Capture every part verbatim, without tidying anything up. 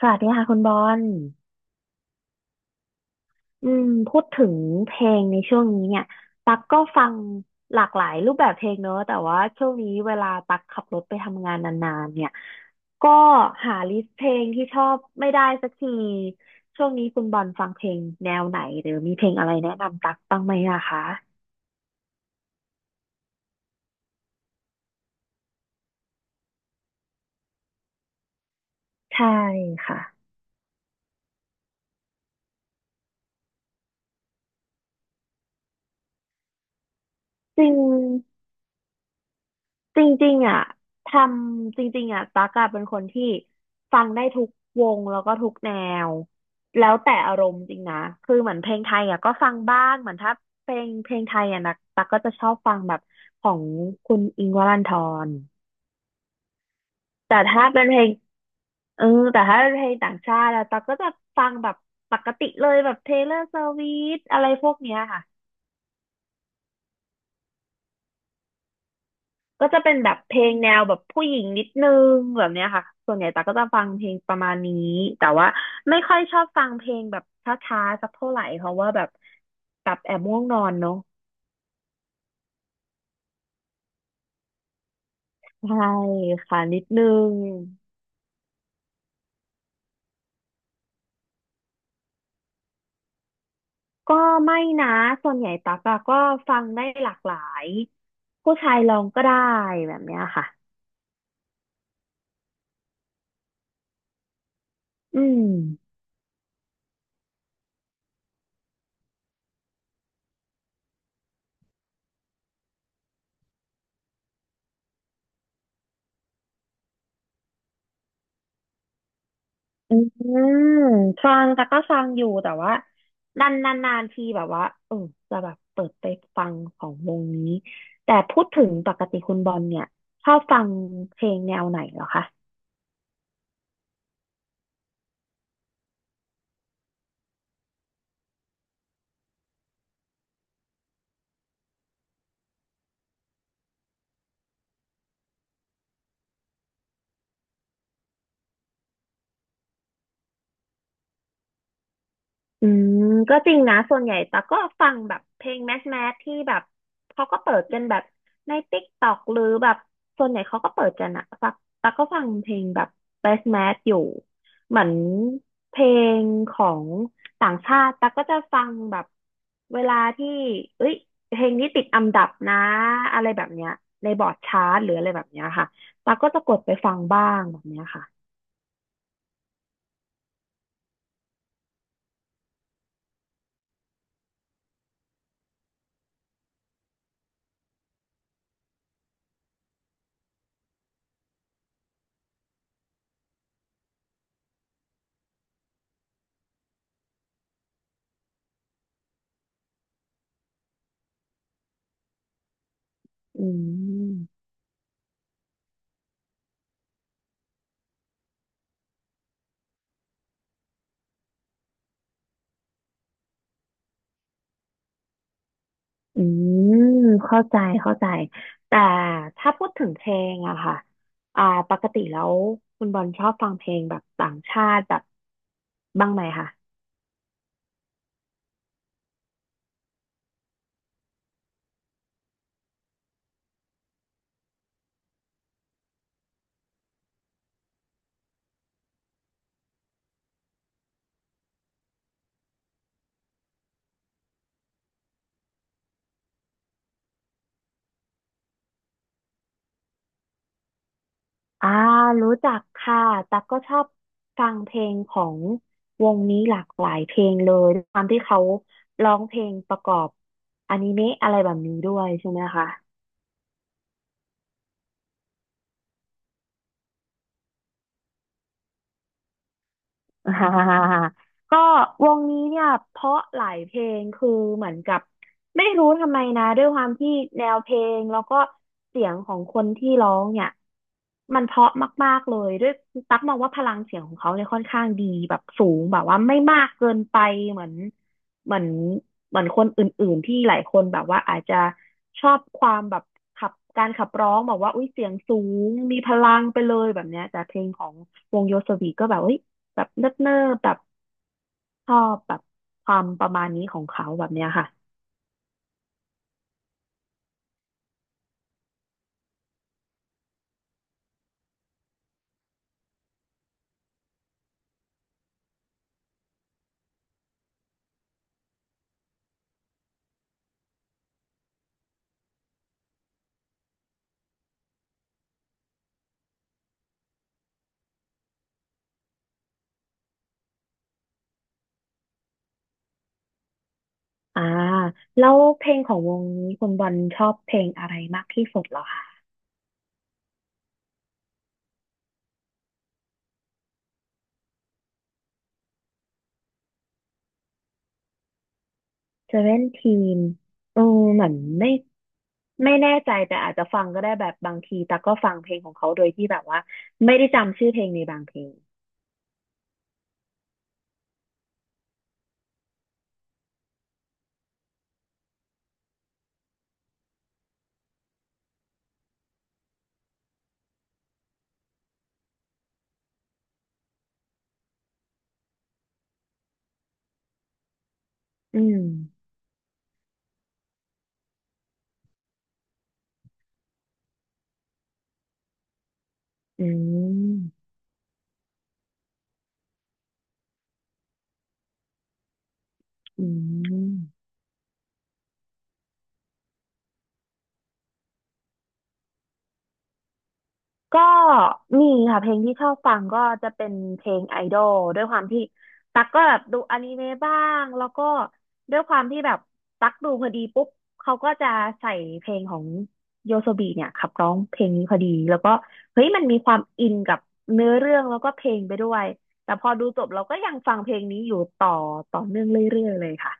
สวัสดีค่ะคุณบอลอืมพูดถึงเพลงในช่วงนี้เนี่ยตักก็ฟังหลากหลายรูปแบบเพลงเนอะ แต่ว่าช่วงนี้เวลาตักขับรถไปทำงานนานๆเนี่ย ก็หาลิสต์เพลงที่ชอบไม่ได้สักที ช่วงนี้คุณบอลฟังเพลงแนวไหนหรือมีเพลงอะไรแนะนำตักบ้างไหมนะคะใช่ค่ะจริง จริงๆอ่ะทำจริงๆอ่ะตั๊กอะเป็นคนที่ฟังได้ทุกวงแล้วก็ทุกแนวแล้วแต่อารมณ์จริงนะคือเหมือนเพลงไทยอ่ะก็ฟังบ้างเหมือนถ้าเพลงเพลงไทยอ่ะนะตั๊กก็จะชอบฟังแบบของคุณอิงค์วรันธรแต่ถ้าเป็นเพลงเออแต่ถ้าเป็นเพลงต่างชาติอะตั๊กก็จะฟังแบบปกติเลยแบบ Taylor Swift อะไรพวกเนี้ยค่ะ ก็จะเป็นแบบเพลงแนวแบบผู้หญิงนิดนึงแบบเนี้ยค่ะ ส่วนใหญ่ตาก็จะฟังเพลงประมาณนี้แต่ว่าไม่ค่อยชอบฟังเพลงแบบช้าๆสักเท่าไหร่เพราะว่าแบบแบบแอบง่วงนอนเนาะใช่ค่ะนิดนึงก็ไม่นะส่วนใหญ่ตักอะก็ฟังได้หลากหลายผู้ชายลองก็ได้แบบเนี้ยค่ะอืม อืมฟังแต่ก็ฟังอยู่แต่ว่านานนานนานทีแบบว่าเออจะแบบเปิดไปฟังของวงนี้แต่พูดถึงปกติคุณบอลเนี่ยชอบฟังเพลงแนวไหนเหรอคะ อืมก็จริงนะส่วนใหญ่แต่กก็ฟังแบบเพลงแมสแมสที่แบบเขาก็เปิดกันแบบในติ๊กต็อกหรือแบบส่วนใหญ่เขาก็เปิดกันอะฟังแต่กก็ฟังเพลงแบบแมสแมสอยู่เหมือนเพลงของต่างชาติแต่กก็จะฟังแบบเวลาที่เอ้ยเพลงนี้ติดอันดับนะอะไรแบบเนี้ยในบอร์ดชาร์ตหรืออะไรแบบเนี้ยค่ะแต่กก็จะกดไปฟังบ้างแบบเนี้ยค่ะอืม อืมเข้าใจเข้าใจแต่ถ้าพูดถึงเพลงอะค่ะอ่าปกติแล้วคุณบอลชอบฟังเพลงแบบต่างชาติแบบบ้างไหมคะอ่ารู้จักค่ะตั๊กก็ชอบฟังเพลงของวงนี้หลากหลายเพลงเลยด้วยความที่เขาร้องเพลงประกอบอนิเมะอะไรแบบนี้ด้วยใช่ไหมคะ ฮ่าก็วงนี้เนี่ยเพราะหลายเพลงคือเหมือนกับไม่รู้ทำไมนะด้วยความที่แนวเพลงแล้วก็เสียงของคนที่ร้องเนี่ยมันเพราะมากๆเลยด้วยตั๊กมองว่าพลังเสียงของเขาเนี่ยค่อนข้างดีแบบสูงแบบว่าไม่มากเกินไปเหมือนเหมือนเหมือนคนอื่นๆที่หลายคนแบบว่าอาจจะชอบความแบบขับการขับร้องแบบว่าอุ้ยเสียงสูงมีพลังไปเลยแบบเนี้ยแต่เพลงของวงโยสวีก็แบบเอ้ย แบบเนิบเนิแบบชอบแบบความประมาณนี้ของเขาแบบเนี้ยค่ะอ่าแล้วเพลงของวงนี้คุณบอลชอบเพลงอะไรมากที่สุดเหรอคะเซเว่นทีนเออเหมือนไม่ไม่แน่ใจแต่อาจจะฟังก็ได้แบบบางทีแต่กก็ฟังเพลงของเขาโดยที่แบบว่าไม่ได้จำชื่อเพลงในบางเพลงอืมอืมอืม ก็มีค่ะเพลงที่ชอบฟังก็จะเป็นเพลงไอดอลด้วยความที่ตั๊กก็แบบดูอนิเมะบ้างแล้วก็ด้วยความที่แบบตั๊กดูพอดีปุ๊บเขาก็จะใส่เพลงของโยโซบีเนี่ยขับร้องเพลงนี้พอดีแล้วก็เฮ้ยมันมีความอินกับเนื้อเรื่องแล้วก็เพลงไปด้วยแต่พอดูจบเราก็ยังฟังเพลงนี้อยู่ต่อต่อเนื่องเรื่อยๆเลยค่ะ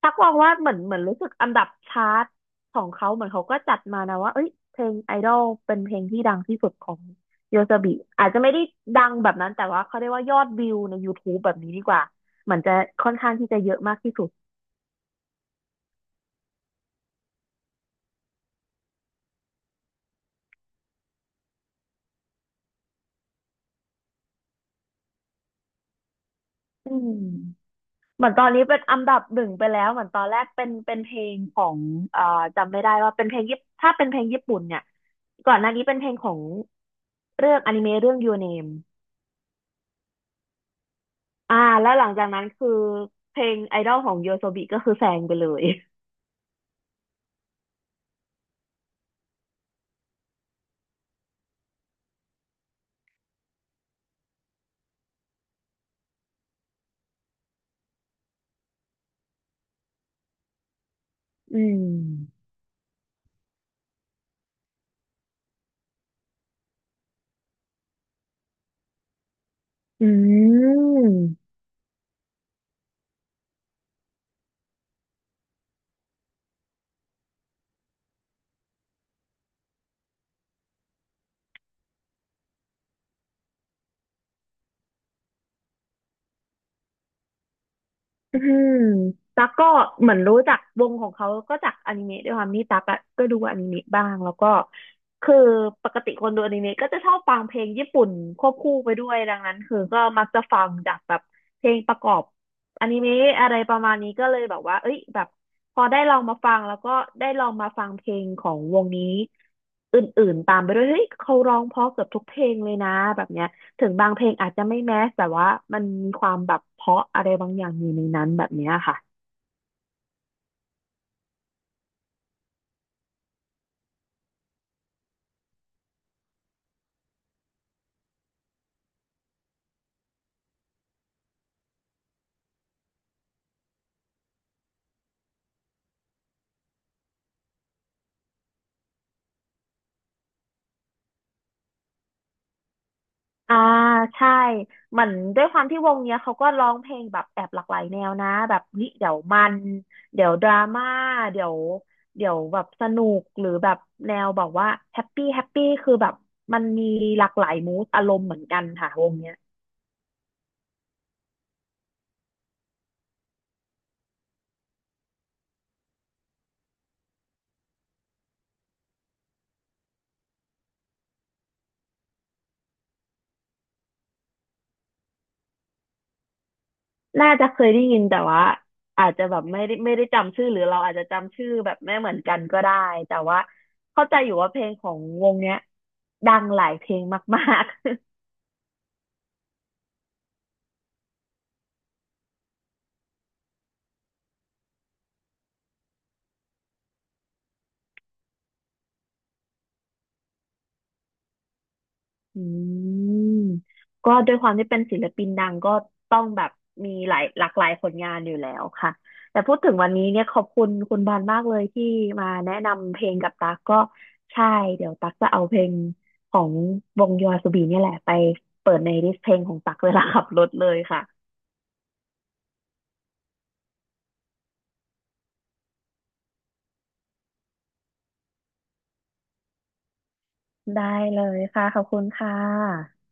ทักมองว่าเหมือนเหมือนรู้สึกอันดับชาร์ตของเขาเหมือนเขาก็จัดมานะว่าเอ้ยเพลงไอดอลเป็นเพลงที่ดังที่สุดของโยซาบิอาจจะไม่ได้ดังแบบนั้นแต่ว่าเขาเรียกว่ายอดวิวใน YouTube แบบนี้ดีกว่าเหมือนจะค่อนข้างที่จะเยอะมากที่สุดอืมเหมือนตอนนี้เป็นอันดับหนึ่งไปแล้วเหมือนตอนแรกเป็นเป็นเพลงของเอ่อจำไม่ได้ว่าเป็นเพลงญี่ปุ่นถ้าเป็นเพลงญี่ปุ่นเนี่ยก่อนหน้านี้เป็นเพลงของเรื่องอนิเมะเรื่อง Your Name อ่าแล้วหลังจากนั้นคือเพลงไอดอลของโยโซบิก็คือแซงไปเลยอืมอืม อืมตั๊กก็เหมือนรู้จักวงของเขาก็จากอนิเมะด้วยความที่ตั๊กอะก็ดูอนิเมะบ้างแล้วก็คือปกติคนดูอนิเมะก็จะชอบฟังเพลงญี่ปุ่นควบคู่ไปด้วยดังนั้นคือก็มักจะฟังจากแบบเพลงประกอบอนิเมะอะไรประมาณนี้ก็เลยแบบว่าเอ้ยแบบพอได้ลองมาฟังแล้วก็ได้ลองมาฟังเพลงของวงนี้อื่นๆตามไปด้วยเฮ้ยเขาร้องเพราะเกือบทุกเพลงเลยนะแบบเนี้ย ถึงบางเพลงอาจจะไม่แมสแต่ว่ามันมีความแบบเพราะอะไรบางอย่างอยู่ในนั้นแบบเนี้ยค่ะอ่าใช่เหมือนด้วยความที่วงเนี้ยเขาก็ร้องเพลงแบบแอบหลากหลายแนวนะแบบเฮ้ยเดี๋ยวมันเดี๋ยวดราม่าเดี๋ยวเดี๋ยวแบบสนุกหรือแบบแนวแบบว่าแฮปปี้แฮปปี้คือแบบมันมีหลากหลายมูดอารมณ์เหมือนกันค่ะวงเนี้ย น่าจะเคยได้ยินแต่ว่าอาจจะแบบไม่ได้ไม่ได้จำชื่อหรือเราอาจจะจำชื่อแบบไม่เหมือนกันก็ได้แต่ว่าเข้าใจอยู่ว่าเพลงของวงเนี้ยดังหลายเพลงมากๆ อืมก็ด้วยความที่เป็นศิลปินดังก็ต้องแบบมีหลายหลากหลายผลงานอยู่แล้วค่ะแต่พูดถึงวันนี้เนี่ยขอบคุณคุณบานมากเลยที่มาแนะนำเพลงกับตั๊กก็ใช่เดี๋ยวตั๊กจะเอาเพลงของวงยอ s ูบีเนี่ยแหละไปเปิดในลิสต์เพลงของตั๊กเวลาขับรถเลยค่ะ ได้เลยค่ะขอบคุณค่ะ